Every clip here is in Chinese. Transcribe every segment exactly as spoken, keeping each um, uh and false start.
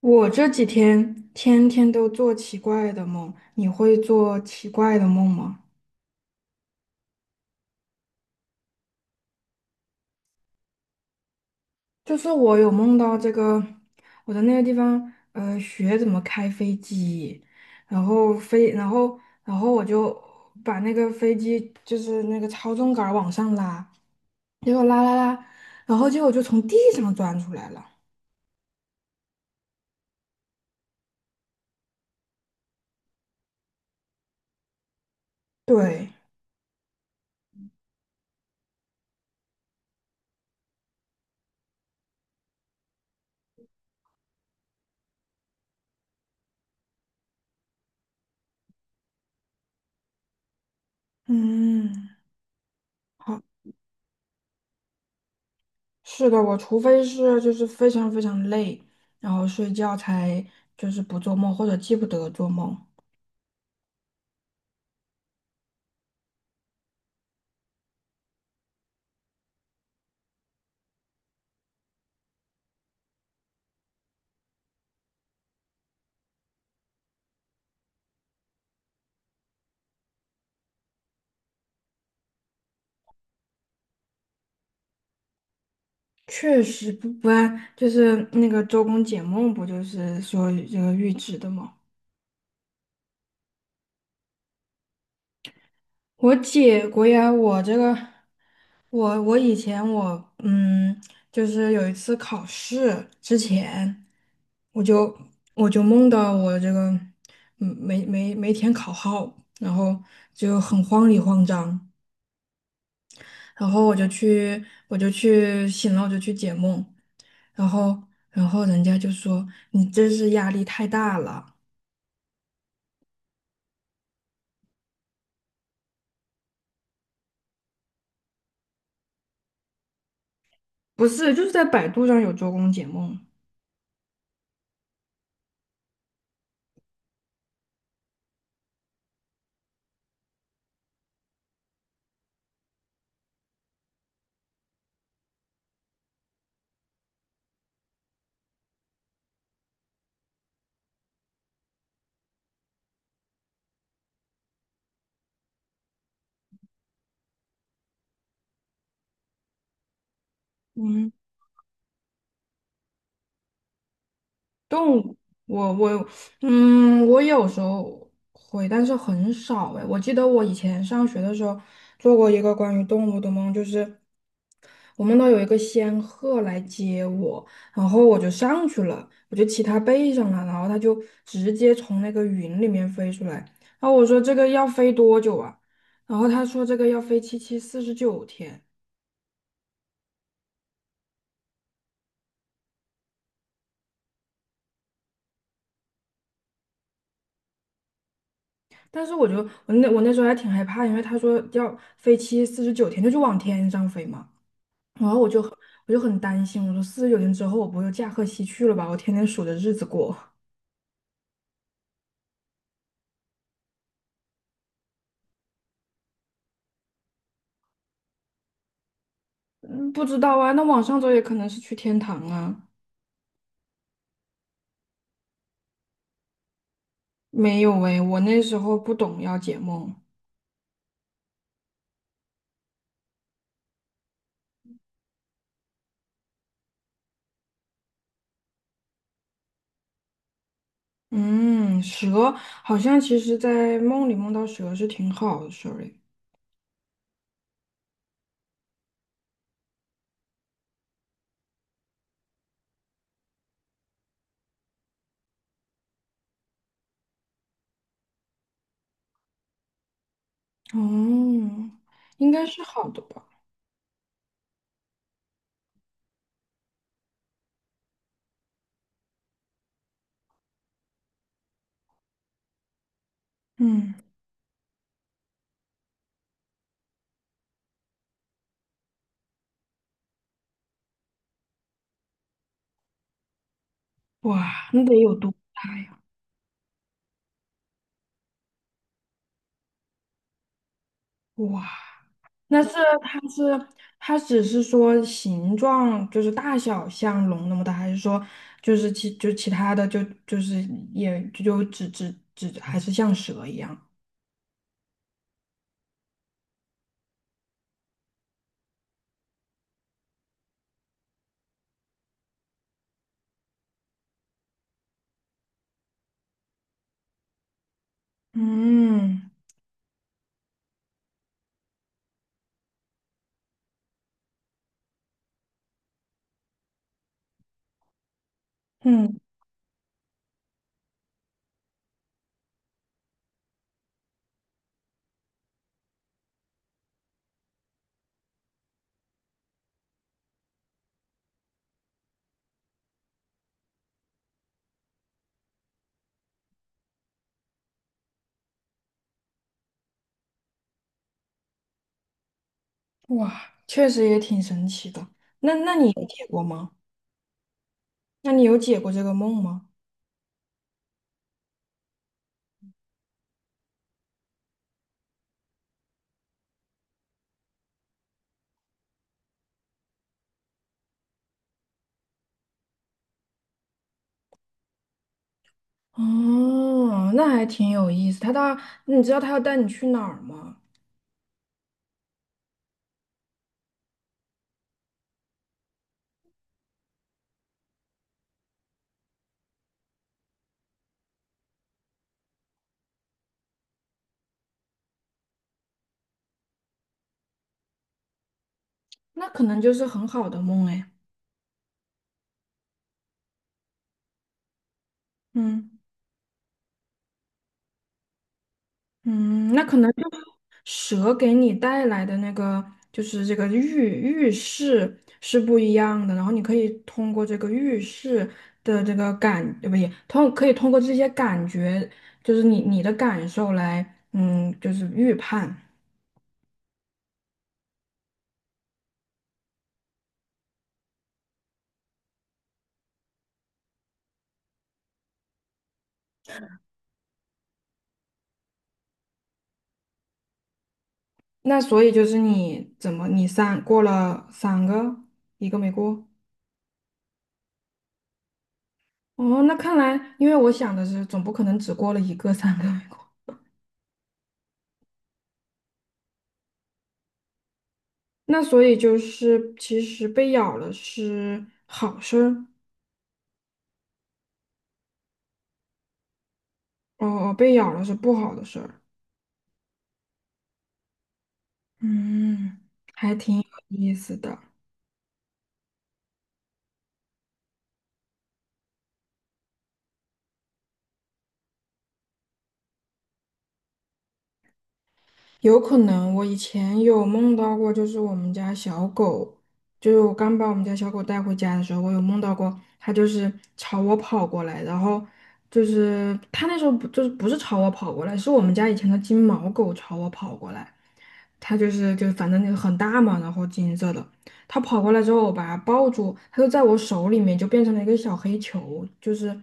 我这几天天天都做奇怪的梦，你会做奇怪的梦吗？就是我有梦到这个，我在那个地方，呃，学怎么开飞机，然后飞，然后，然后我就把那个飞机就是那个操纵杆儿往上拉，结果拉拉拉，然后结果就从地上钻出来了。对，嗯，好。是的，我除非是就是非常非常累，然后睡觉才就是不做梦或者记不得做梦。确实不不然，就是那个周公解梦，不就是说这个预知的吗？我解过呀。我这个我我以前我嗯，就是有一次考试之前，我就我就梦到我这个嗯没没没填考号，然后就很慌里慌张。然后我就去，我就去醒了，我就去解梦，然后，然后人家就说你这是压力太大了。不是，就是在百度上有周公解梦。嗯，动，物，我我嗯，我有时候会，但是很少哎。我记得我以前上学的时候做过一个关于动物的梦，就是。我梦到有一个仙鹤来接我，然后我就上去了，我就骑它背上了，然后它就直接从那个云里面飞出来。然后我说这个要飞多久啊？然后他说这个要飞七七四十九天。但是我就我那我那时候还挺害怕，因为他说要飞七四十九天，就是往天上飞嘛。然后我就很我就很担心，我说四十九天之后我不就驾鹤西去了吧？我天天数着日子过。嗯不知道啊，那往上走也可能是去天堂啊。没有诶，我那时候不懂要解梦。嗯，蛇好像其实在梦里梦到蛇是挺好的 Sorry。哦，应该是好的吧？嗯，哇，那得有多大呀？哇，那是它是它只是说形状就是大小像龙那么大，还是说就是其就其他的就就是，也就就只只只还是像蛇一样？嗯嗯，哇，确实也挺神奇的。我们。那你有解过这个梦吗？哦，那还挺有意思。他到，你知道他要带你去哪儿吗？那可能就是很好的梦哎。嗯嗯，那可能就蛇给你带来的那个，就是这个预预示是不一样的。然后你可以通过这个预示的这个感，呃不也通可以通过这些感觉，就是你你的感受来，嗯，就是预判。那所以就是你怎么你三过了三个，一个没过。哦，那看来，因为我想的是，总不可能只过了一个，三个没过。那所以就是，其实被咬了是好事儿。哦，被咬了是不好的事儿。嗯，还挺有意思的。有可能我以前有梦到过，就是我们家小狗。就是我刚把我们家小狗带回家的时候，我有梦到过，它就是朝我跑过来，然后就是它那时候不就是不是朝我跑过来，是我们家以前的金毛狗朝我跑过来，它就是就反正那个很大嘛，然后金色的，它跑过来之后，我把它抱住，它就在我手里面就变成了一个小黑球，就是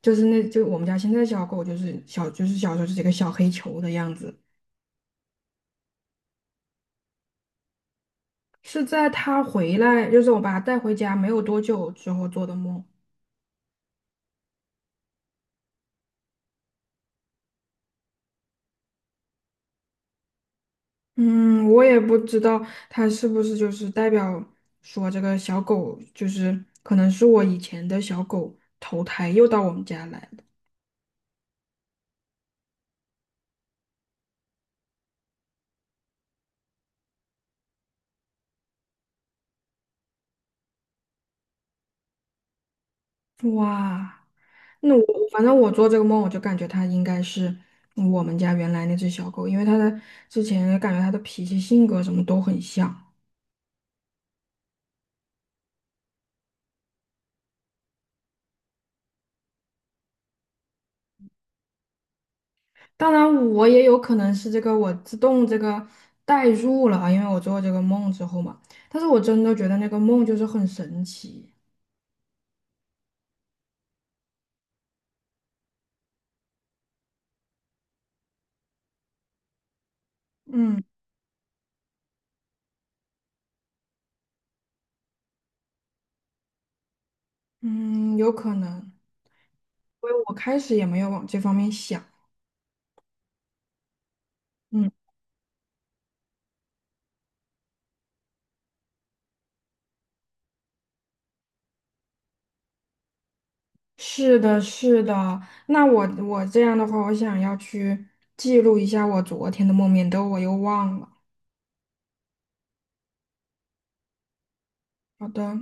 就是那就我们家现在的小狗就是小就是小时候就是一个小黑球的样子。是在他回来，就是我把他带回家没有多久之后做的梦。嗯，我也不知道他是不是就是代表说这个小狗就是可能是我以前的小狗投胎又到我们家来了。哇，那我反正我做这个梦，我就感觉它应该是我们家原来那只小狗，因为它的之前感觉它的脾气、性格什么都很像。当然，我也有可能是这个我自动这个代入了啊，因为我做这个梦之后嘛。但是我真的觉得那个梦就是很神奇。嗯嗯，有可能，因为我开始也没有往这方面想。嗯，是的，是的。那我我这样的话，我想要去记录一下我昨天的梦，免得我又忘了。好的。